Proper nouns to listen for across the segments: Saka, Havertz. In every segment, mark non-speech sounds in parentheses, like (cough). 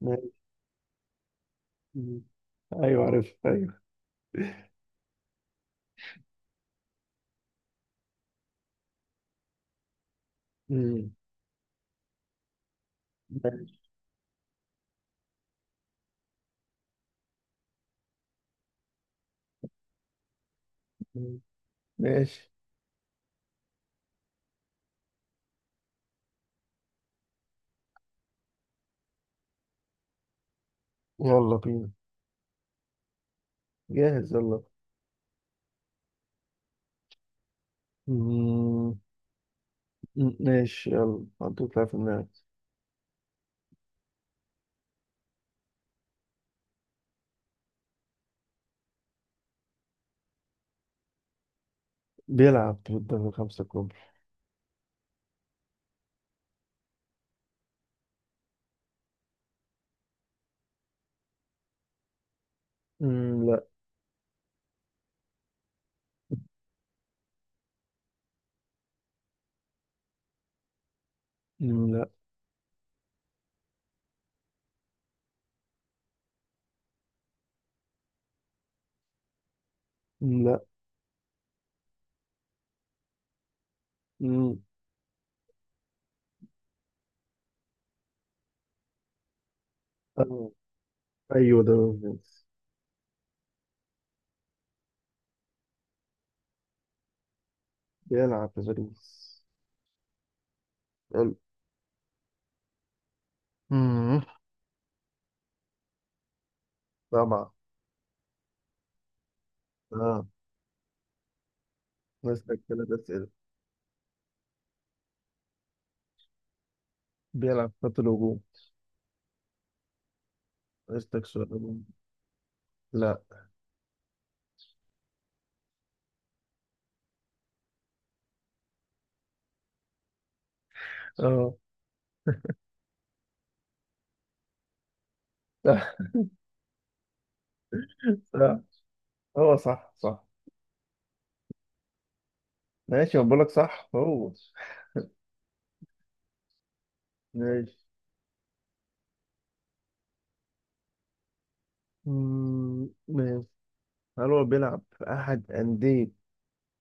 ماشي. مم. ايوه، عارف، ايوه. مم. ماشي. ماشي. يلا بينا. جاهز يلا. مم. ماشي، يلا حطيت لاعب في دماغك. بيلعب في الدوري الخمسة الكبرى. مم. لا. مم. لا. مم. لا. مم. آه. ايوه دوري الخمسة. بيلعب في باريس. يلا. مم. طبعا. اه. نسألك ثلاث أسئلة. بيلعب في خط الهجوم. نسألك سؤال هجوم. لا. اه. (laughs) صح، هو صح صح. ماشي بقول لك صح هو. ماشي. مم، ماشي. هل هو بيلعب في أحد أندية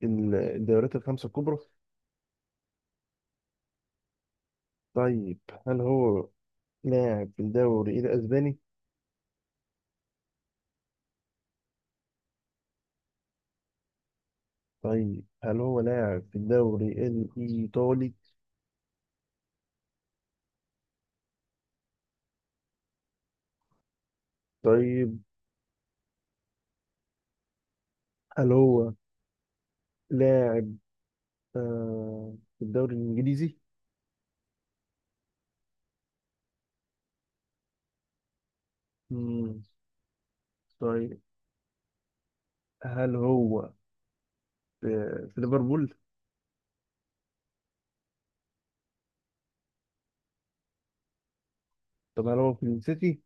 الدوريات الخمسة الكبرى؟ طيب، هل هو لاعب في الدوري الأسباني؟ طيب، هل هو لاعب في الدوري الإيطالي؟ طيب، هل هو لاعب في الدوري الإنجليزي؟ مم. طيب، هل هو في, في ليفربول؟ طب هل هو في السيتي؟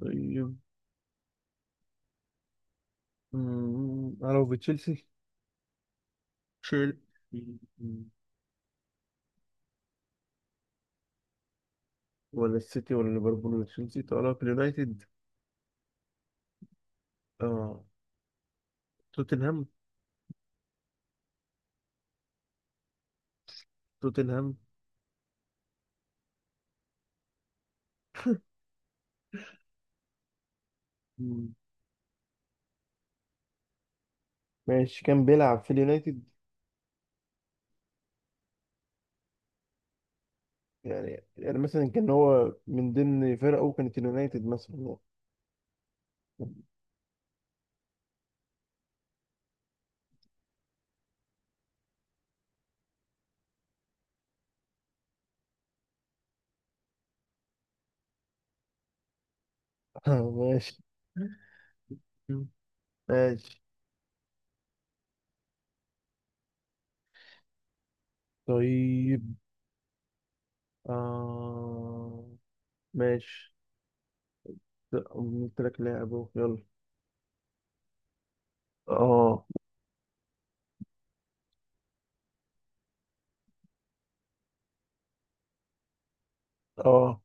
طيب. مم. هل هو في تشيلسي؟ تشيلسي، ولا السيتي ولا ليفربول ولا تشيلسي، طلع في اليونايتد. اه. توتنهام. توتنهام. مم. ماشي، كان بيلعب في اليونايتد. يعني مثلا كان هو من ضمن فرقه كانت اليونايتد مثلا. (laughs) ماشي. مم. ماشي. طيب. آه. ماشي. لا، قلت لك لاعب اهو يلا. اه. اه،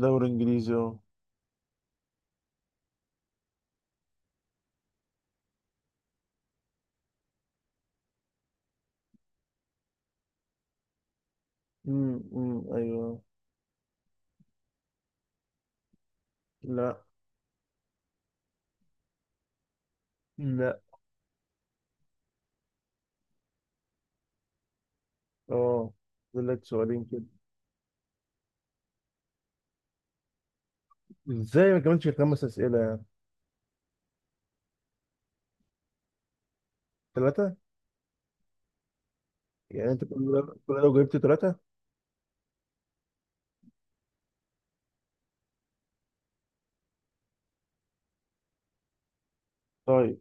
دوري انجليزي اه. أمم، أمم، ايوه. لا. لا. اه. فاضل لك سؤالين كده. ازاي ما كملتش خمس اسئله يعني؟ ثلاثه. يعني انت كل ده كل ده جبت ثلاثه؟ طيب.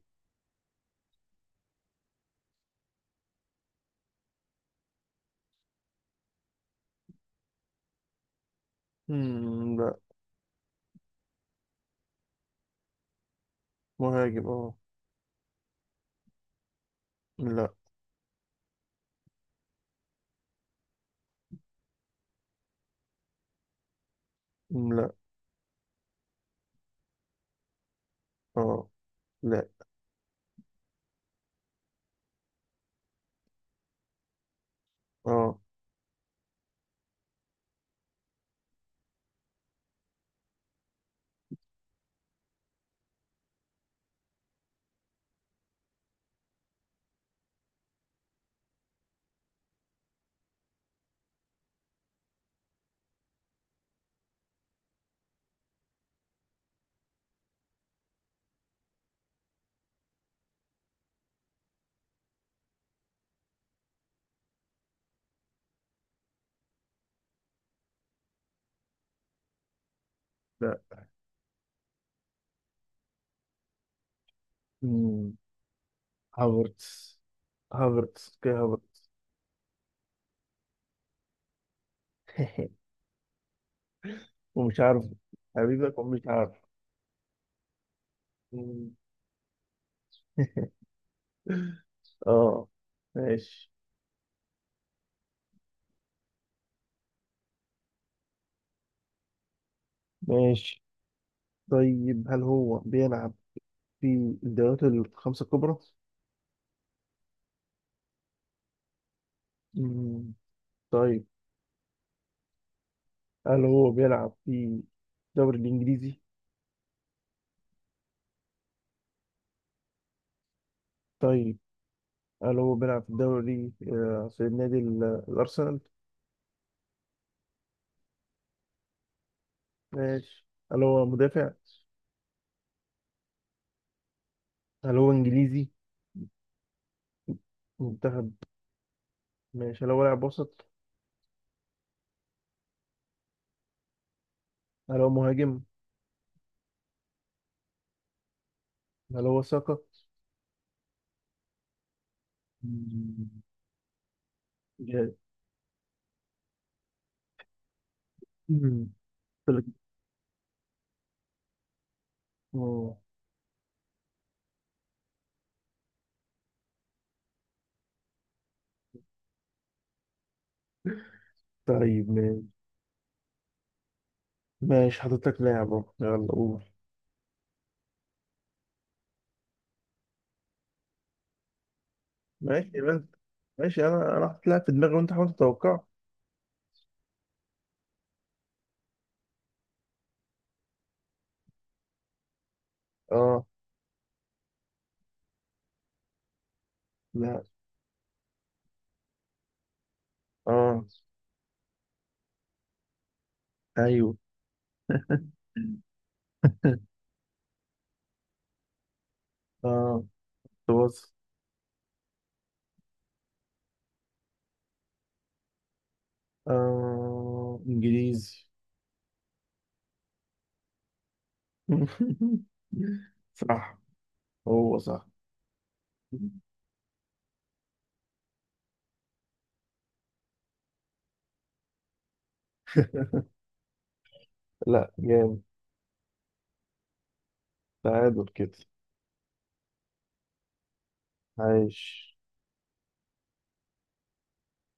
مم لا. مهاجم اه. لا. لا. اه. لا. اه. لا. مم. هافرتس. هافرتس اوكي هافرتس. (laughs) ومش عارف. حبيبك ومش عارف. مم. اه. ماشي. ماشي. طيب، هل هو بيلعب في الدوريات الخمسة الكبرى؟ مم. طيب، هل هو بيلعب في الدوري الإنجليزي؟ طيب، هل هو بيلعب في الدوري في نادي الأرسنال. ماشي. هل هو مدافع؟ هل هو إنجليزي منتخب؟ ماشي. هل هو لاعب وسط؟ هل هو مهاجم؟ هل هو ساكا؟ جامد. قلت- آه. طيب، ماشي. ماشي حاطط لك لاعب اهو يلا قول. ماشي، ماشي. انا حاطط لاعب في دماغي وانت حاول تتوقع. اه. لا. اه. ايوه. (laughs) اه. تبص. اه انجليزي. (laughs) صح، هو صح. (laughs) لا جامد. تعادل كده. عايش.